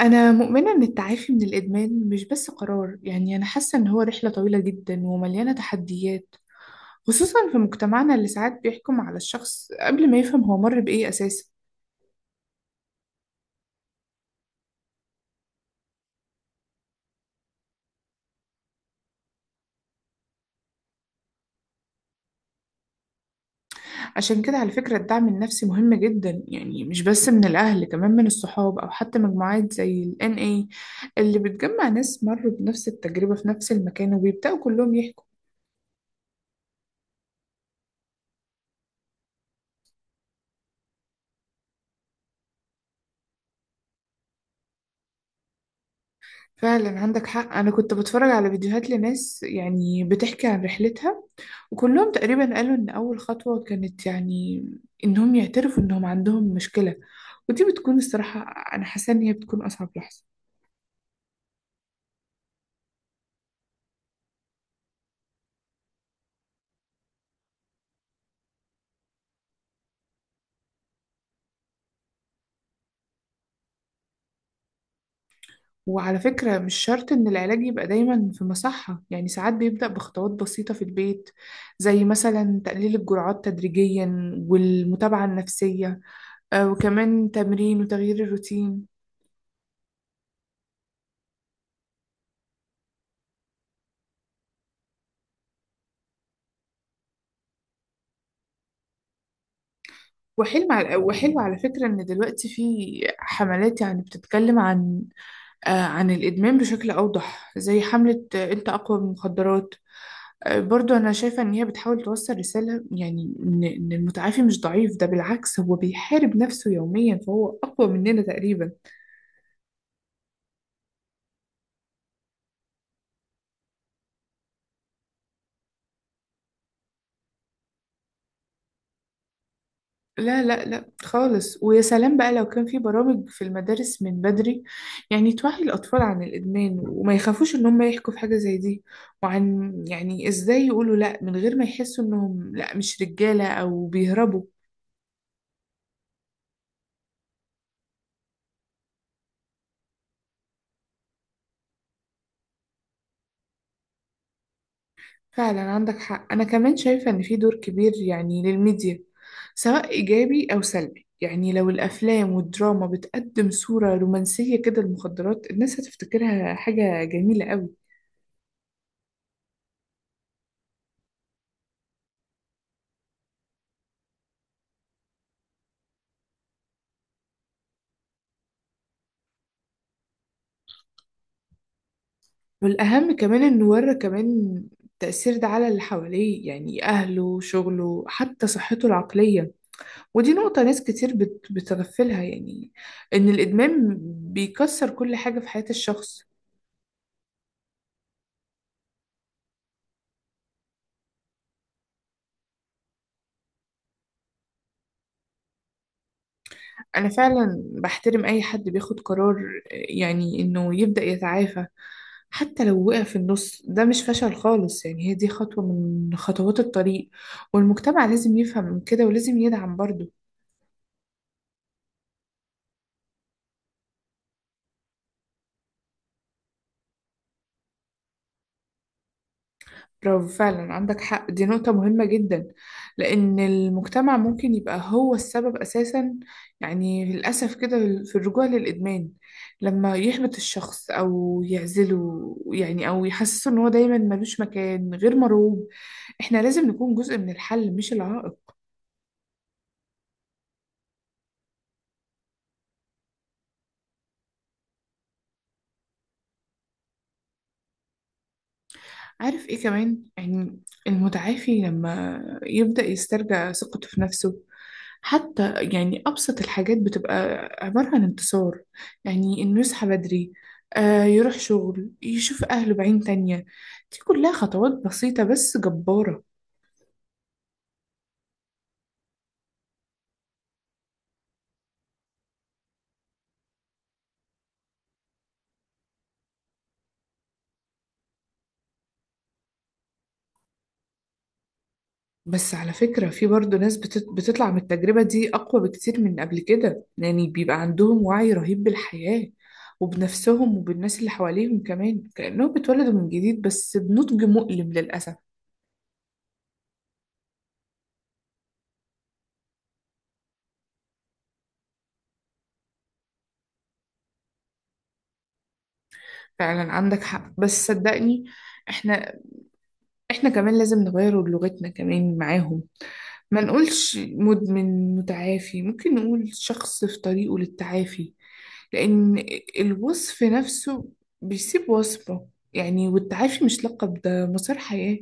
أنا مؤمنة إن التعافي من الإدمان مش بس قرار. أنا حاسة إن هو رحلة طويلة جدا ومليانة تحديات، خصوصا في مجتمعنا اللي ساعات بيحكم على الشخص قبل ما يفهم هو مر بإيه أساسا. عشان كده على فكرة الدعم النفسي مهم جدا، يعني مش بس من الأهل، كمان من الصحاب أو حتى مجموعات زي ال NA اللي بتجمع ناس مروا بنفس التجربة في نفس المكان وبيبدأوا كلهم يحكوا. فعلا عندك حق، أنا كنت بتفرج على فيديوهات لناس بتحكي عن رحلتها. كلهم تقريبا قالوا إن أول خطوة كانت إنهم يعترفوا إنهم عندهم مشكلة، ودي بتكون الصراحة. أنا حاسة إن هي بتكون أصعب لحظة. وعلى فكرة مش شرط إن العلاج يبقى دايما في مصحة، يعني ساعات بيبدأ بخطوات بسيطة في البيت، زي مثلا تقليل الجرعات تدريجيا، والمتابعة النفسية، وكمان تمرين وتغيير الروتين. وحلم على وحلو على فكرة إن دلوقتي في حملات بتتكلم عن، عن الإدمان بشكل أوضح، زي حملة أنت أقوى من المخدرات. برضو أنا شايفة إن هي بتحاول توصل رسالة، يعني إن المتعافي مش ضعيف، ده بالعكس هو بيحارب نفسه يوميا فهو أقوى مننا تقريبا. لا خالص. ويا سلام بقى لو كان في برامج في المدارس من بدري، يعني توعي الأطفال عن الإدمان وما يخافوش إن هم يحكوا في حاجة زي دي، وعن إزاي يقولوا لا من غير ما يحسوا إنهم لا مش رجالة أو بيهربوا. فعلا عندك حق، أنا كمان شايفة إن في دور كبير يعني للميديا، سواء إيجابي أو سلبي. يعني لو الأفلام والدراما بتقدم صورة رومانسية كده للمخدرات، الناس هتفتكرها حاجة جميلة قوي. والأهم كمان إنه ورى كمان التأثير ده على اللي حواليه، يعني أهله، شغله، حتى صحته العقلية. ودي نقطة ناس كتير بتغفلها، يعني إن الإدمان بيكسر كل حاجة في حياة الشخص. أنا فعلا بحترم أي حد بياخد قرار يعني إنه يبدأ يتعافى. حتى لو وقع في النص، ده مش فشل خالص، يعني هي دي خطوة من خطوات الطريق، والمجتمع لازم يفهم من كده ولازم يدعم برضه. برافو، فعلا عندك حق، دي نقطة مهمة جدا، لأن المجتمع ممكن يبقى هو السبب أساسا، يعني للأسف كده، في الرجوع للإدمان، لما يحبط الشخص أو يعزله، يعني أو يحسسه إن هو دايما ملوش مكان، غير مرغوب. إحنا لازم نكون جزء من الحل مش العائق. عارف ايه كمان يعني؟ المتعافي لما يبدأ يسترجع ثقته في نفسه، حتى يعني أبسط الحاجات بتبقى عبارة عن انتصار، يعني إنه يصحى بدري، آه يروح شغل، يشوف أهله بعين تانية. دي كلها خطوات بسيطة بس جبارة. بس على فكرة في برضه ناس بتطلع من التجربة دي أقوى بكتير من قبل كده، يعني بيبقى عندهم وعي رهيب بالحياة وبنفسهم وبالناس اللي حواليهم كمان، كأنهم بيتولدوا من جديد بس بنضج مؤلم للأسف. فعلا عندك حق، بس صدقني احنا احنا كمان لازم نغير لغتنا كمان معاهم. ما نقولش مدمن متعافي، ممكن نقول شخص في طريقه للتعافي، لأن الوصف نفسه بيسيب وصمه، يعني والتعافي مش لقب، ده مسار حياة.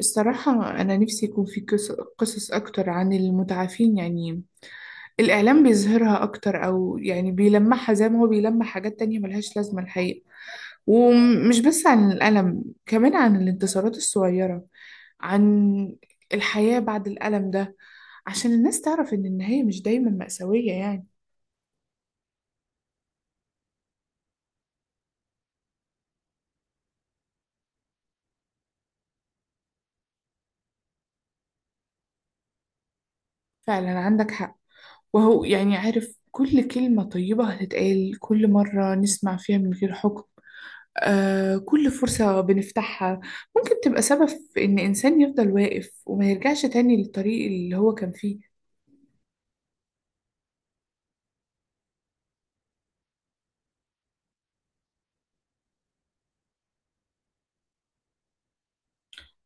الصراحة أنا نفسي يكون في قصص أكتر عن المتعافين، يعني الإعلام بيظهرها أكتر، أو يعني بيلمحها زي ما هو بيلمح حاجات تانية ملهاش لازمة الحقيقة. ومش بس عن الألم، كمان عن الانتصارات الصغيرة، عن الحياة بعد الألم ده، عشان الناس تعرف إن النهاية مش دايما مأساوية يعني. فعلا عندك حق. وهو عارف كل كلمة طيبة هتتقال، كل مرة نسمع فيها من غير حكم، آه كل فرصة بنفتحها، ممكن تبقى سبب في إن إنسان يفضل واقف وما يرجعش تاني للطريق اللي هو كان فيه.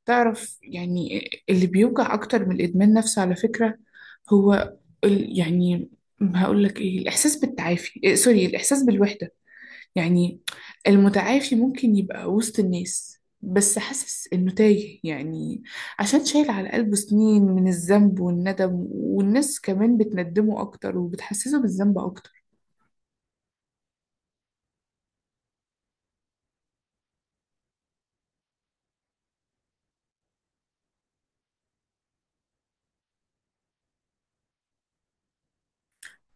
تعرف يعني اللي بيوجع أكتر من الإدمان نفسه على فكرة، هو ال- يعني هقول لك إيه الإحساس بالتعافي إيه سوري الإحساس بالوحدة. يعني المتعافي ممكن يبقى وسط الناس بس حاسس إنه تايه، يعني عشان شايل على قلبه سنين من الذنب والندم، والناس كمان بتندمه أكتر وبتحسسه بالذنب أكتر.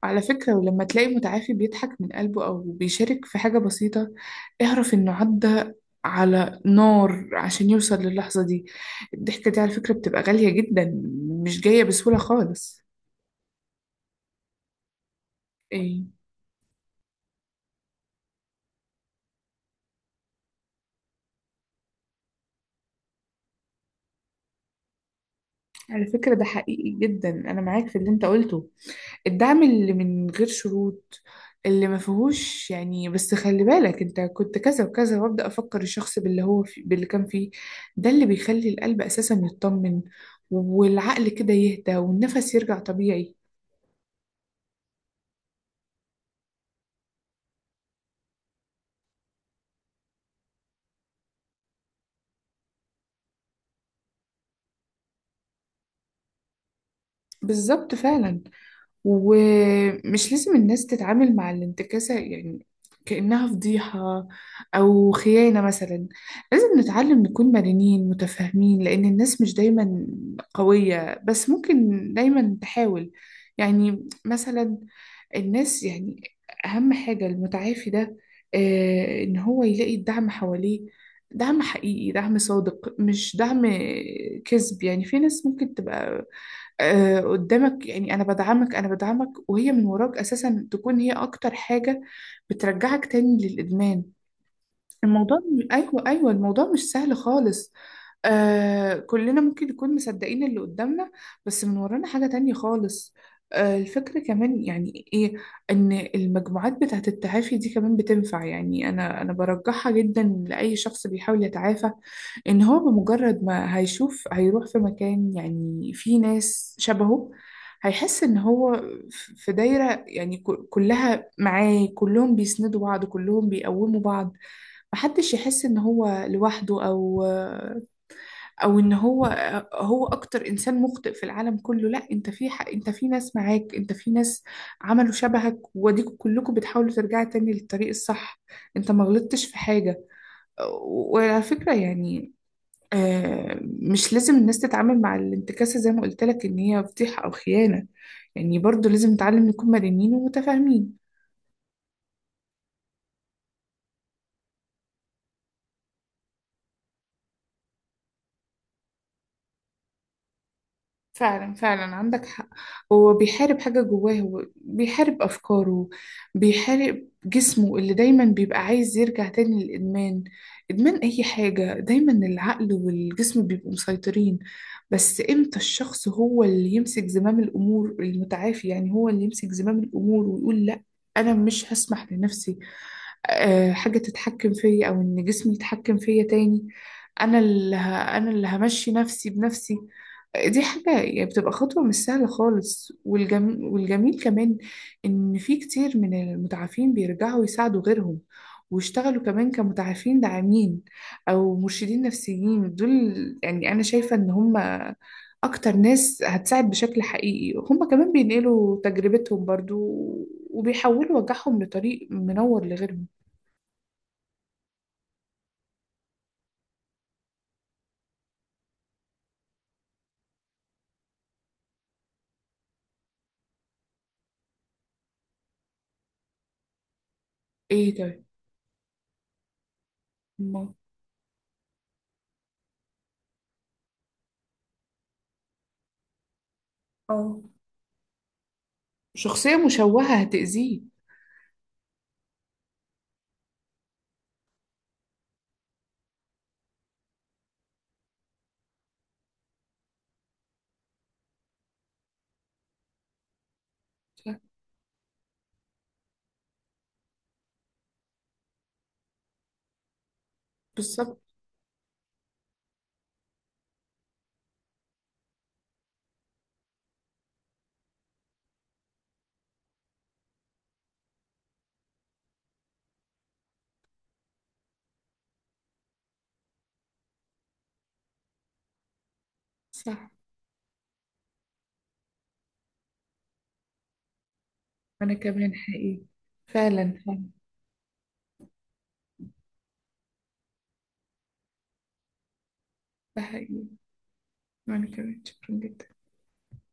على فكرة ولما تلاقي متعافي بيضحك من قلبه أو بيشارك في حاجة بسيطة، اعرف إنه عدى على نار عشان يوصل للحظة دي. الضحكة دي على فكرة بتبقى غالية جدا، مش جاية بسهولة خالص. إيه؟ على فكرة ده حقيقي جدا، أنا معاك في اللي أنت قلته. الدعم اللي من غير شروط، اللي ما فيهوش يعني بس خلي بالك انت كنت كذا وكذا، وابدا افكر الشخص باللي هو في باللي كان فيه، ده اللي بيخلي القلب اساسا يطمن، والعقل كده يهدى، والنفس يرجع طبيعي. بالظبط فعلا. ومش لازم الناس تتعامل مع الانتكاسة يعني كأنها فضيحة أو خيانة مثلا. لازم نتعلم نكون مرنين متفاهمين، لأن الناس مش دايما قوية بس ممكن دايما تحاول. يعني مثلا الناس أهم حاجة المتعافي ده، إن هو يلاقي الدعم حواليه، دعم حقيقي، دعم صادق، مش دعم كذب. يعني في ناس ممكن تبقى قدامك يعني انا بدعمك، انا بدعمك، وهي من وراك اساسا تكون هي اكتر حاجة بترجعك تاني للادمان. الموضوع الموضوع مش سهل خالص. آه كلنا ممكن نكون مصدقين اللي قدامنا، بس من ورانا حاجة تانية خالص. آه الفكرة كمان يعني ايه؟ ان المجموعات بتاعت التعافي دي كمان بتنفع، يعني انا برجحها جدا لأي شخص بيحاول يتعافى. ان هو بمجرد ما هيشوف هيروح في مكان يعني فيه ناس شبهه، هيحس ان هو في دايرة، يعني كلها معاه، كلهم بيسندوا بعض، كلهم بيقوموا بعض، محدش يحس ان هو لوحده، او او ان هو هو اكتر انسان مخطئ في العالم كله. لا انت في حق، انت في ناس معاك، انت في ناس عملوا شبهك، واديكوا كلكم بتحاولوا ترجعوا تاني للطريق الصح، انت ما غلطتش في حاجة. وعلى فكرة يعني مش لازم الناس تتعامل مع الانتكاسة زي ما قلت لك ان هي فضيحة او خيانة، يعني برضو لازم نتعلم نكون مرنين ومتفاهمين. فعلا فعلا عندك حق. هو بيحارب حاجة جواه، هو بيحارب أفكاره، بيحارب جسمه اللي دايما بيبقى عايز يرجع تاني للإدمان. إدمان أي حاجة دايما العقل والجسم بيبقوا مسيطرين، بس إمتى الشخص هو اللي يمسك زمام الأمور؟ المتعافي يعني هو اللي يمسك زمام الأمور ويقول لأ، أنا مش هسمح لنفسي حاجة تتحكم فيا، أو إن جسمي يتحكم فيا تاني. أنا اللي همشي نفسي بنفسي. دي حاجة يعني بتبقى خطوة مش سهلة خالص. والجميل كمان إن في كتير من المتعافين بيرجعوا يساعدوا غيرهم، واشتغلوا كمان كمتعافين داعمين أو مرشدين نفسيين. دول يعني أنا شايفة إن هم أكتر ناس هتساعد بشكل حقيقي، هم كمان بينقلوا تجربتهم برضو، وبيحولوا وجعهم لطريق منور لغيرهم. ايه طيب؟ ما اه شخصية مشوهة هتأذيه. صح. بالظبط. صح. أنا كمان حقيقي. فعلا فعلا. ده حقيقي. وأنا كمان شكرا جدا.